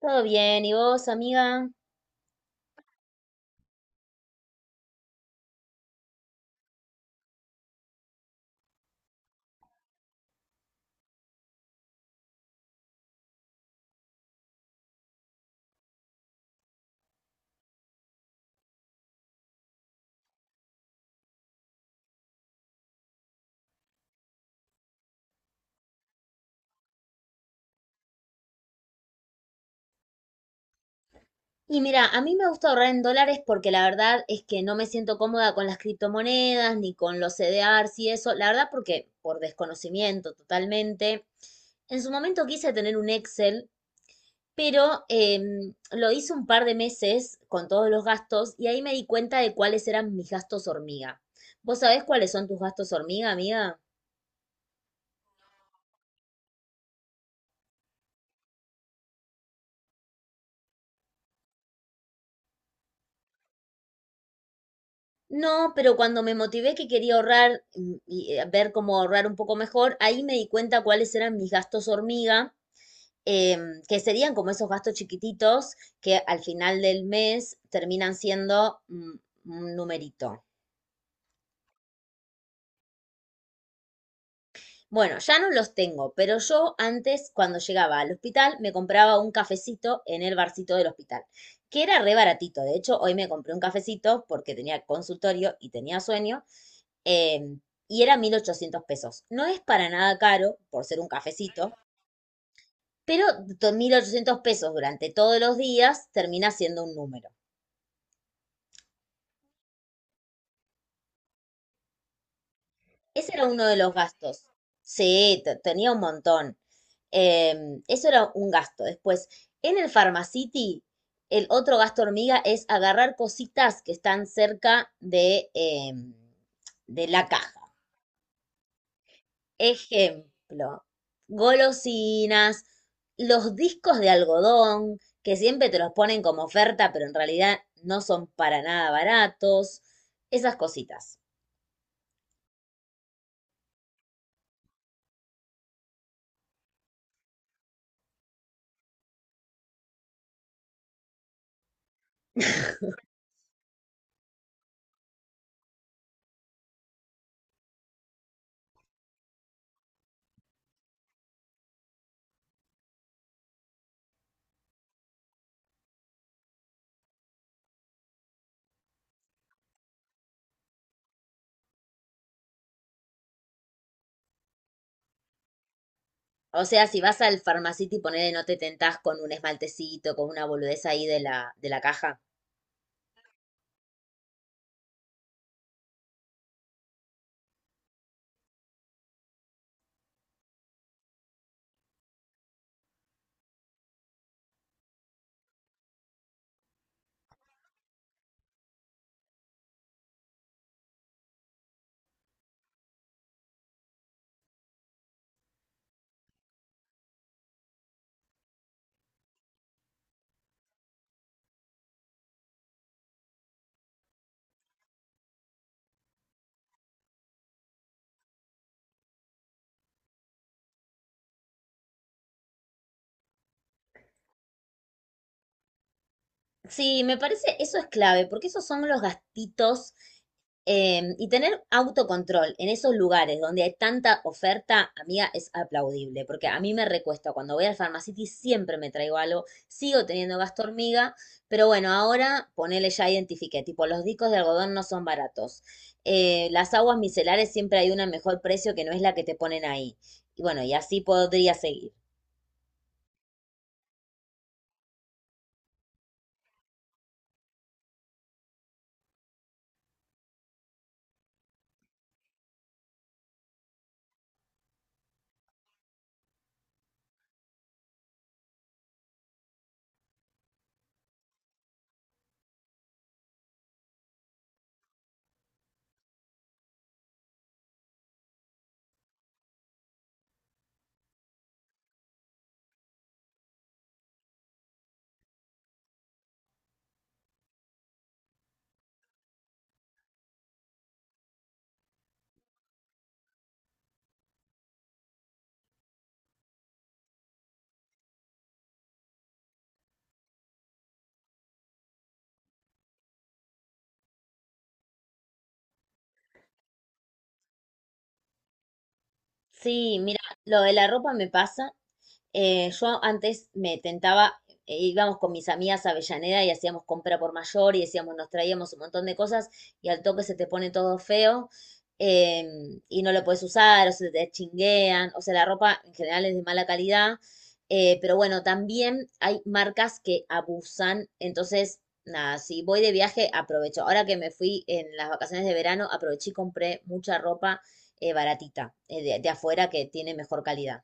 Todo bien, ¿y vos, amiga? Y mira, a mí me gusta ahorrar en dólares porque la verdad es que no me siento cómoda con las criptomonedas ni con los CDRs y eso, la verdad porque por desconocimiento totalmente. En su momento quise tener un Excel, pero lo hice un par de meses con todos los gastos y ahí me di cuenta de cuáles eran mis gastos hormiga. ¿Vos sabés cuáles son tus gastos hormiga, amiga? No, pero cuando me motivé que quería ahorrar y ver cómo ahorrar un poco mejor, ahí me di cuenta cuáles eran mis gastos hormiga, que serían como esos gastos chiquititos que al final del mes terminan siendo un numerito. Bueno, ya no los tengo, pero yo antes, cuando llegaba al hospital, me compraba un cafecito en el barcito del hospital, que era re baratito. De hecho, hoy me compré un cafecito porque tenía consultorio y tenía sueño. Eh, y era 1800 pesos. No es para nada caro por ser un cafecito, pero 1800 pesos durante todos los días termina siendo un número. Ese era uno de los gastos. Sí, tenía un montón. Eso era un gasto. Después, en el Pharmacity, el otro gasto hormiga es agarrar cositas que están cerca de la caja. Ejemplo, golosinas, los discos de algodón, que siempre te los ponen como oferta, pero en realidad no son para nada baratos, esas cositas. O sea, si vas al Pharmacity, ponele, no te tentás con un esmaltecito, con una boludez ahí de la caja. Sí, me parece, eso es clave, porque esos son los gastitos y tener autocontrol en esos lugares donde hay tanta oferta, amiga, es aplaudible, porque a mí me recuesta. Cuando voy al Pharmacity siempre me traigo algo, sigo teniendo gasto hormiga, pero bueno, ahora ponele ya identifiqué, tipo los discos de algodón no son baratos. Las aguas micelares siempre hay una mejor precio que no es la que te ponen ahí. Y bueno, y así podría seguir. Sí, mira, lo de la ropa me pasa. Yo antes me tentaba, íbamos con mis amigas a Avellaneda y hacíamos compra por mayor y decíamos, nos traíamos un montón de cosas y al toque se te pone todo feo, y no lo puedes usar o se te chinguean. O sea, la ropa en general es de mala calidad. Pero bueno, también hay marcas que abusan. Entonces, nada, si voy de viaje, aprovecho. Ahora que me fui en las vacaciones de verano, aproveché y compré mucha ropa baratita, de afuera que tiene mejor calidad.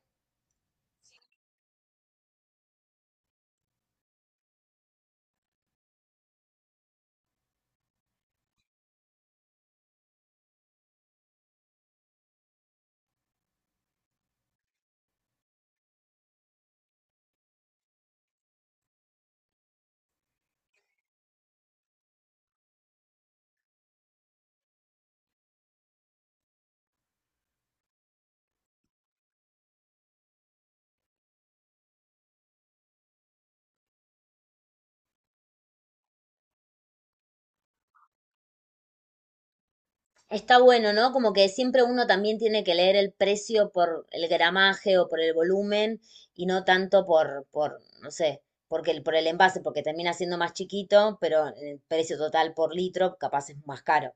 Está bueno, ¿no? Como que siempre uno también tiene que leer el precio por el gramaje o por el volumen y no tanto por, no sé, porque por el envase, porque termina siendo más chiquito, pero el precio total por litro capaz es más caro.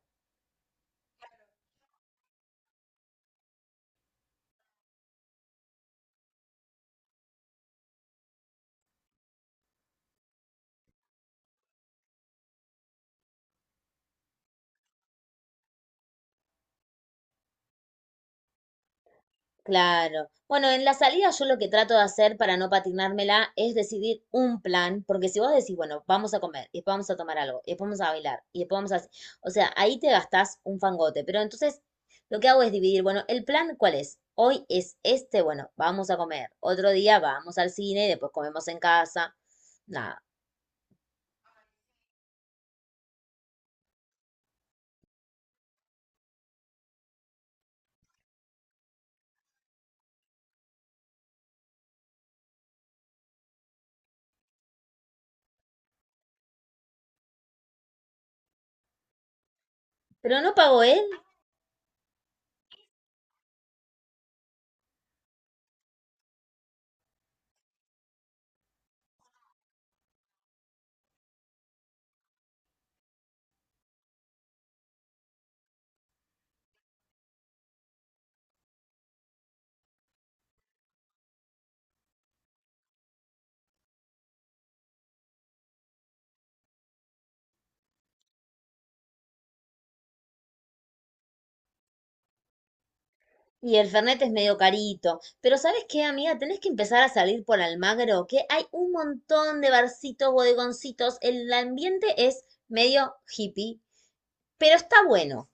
Claro. Bueno, en la salida yo lo que trato de hacer para no patinármela es decidir un plan, porque si vos decís, bueno, vamos a comer, y después vamos a tomar algo, y después vamos a bailar, y después vamos a. O sea, ahí te gastás un fangote, pero entonces lo que hago es dividir, bueno, el plan, ¿cuál es? Hoy es este, bueno, vamos a comer, otro día vamos al cine, después comemos en casa, nada. Pero no pago, ¿eh? Y el Fernet es medio carito. Pero ¿sabes qué, amiga? Tenés que empezar a salir por Almagro, que hay un montón de barcitos, bodegoncitos. El ambiente es medio hippie, pero está bueno.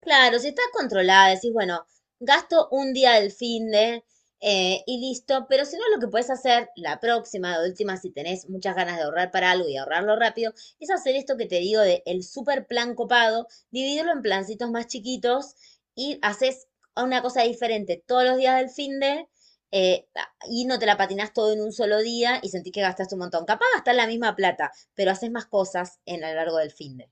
Claro, si está controlada, decís, bueno, gasto un día del finde de y listo, pero si no, lo que podés hacer la próxima, de última, si tenés muchas ganas de ahorrar para algo y ahorrarlo rápido, es hacer esto que te digo de el super plan copado, dividirlo en plancitos más chiquitos y haces una cosa diferente todos los días del finde de eh, y no te la patinas todo en un solo día y sentís que gastaste un montón. Capaz gastás la misma plata, pero haces más cosas en a lo largo del finde.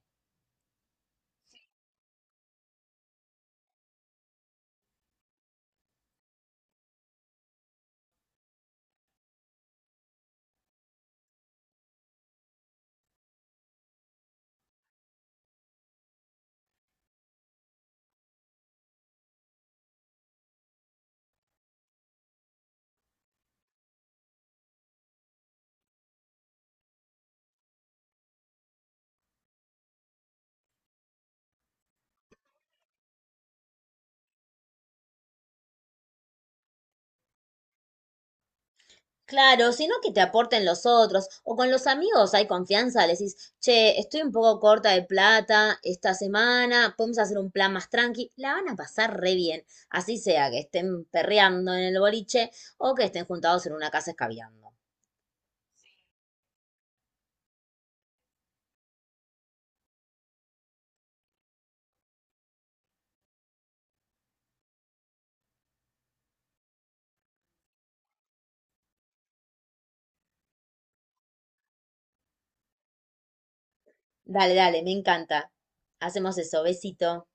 Claro, sino que te aporten los otros, o con los amigos hay confianza, le decís, che, estoy un poco corta de plata esta semana, podemos hacer un plan más tranqui, la van a pasar re bien, así sea que estén perreando en el boliche o que estén juntados en una casa escabeando. Dale, dale, me encanta. Hacemos eso, besito.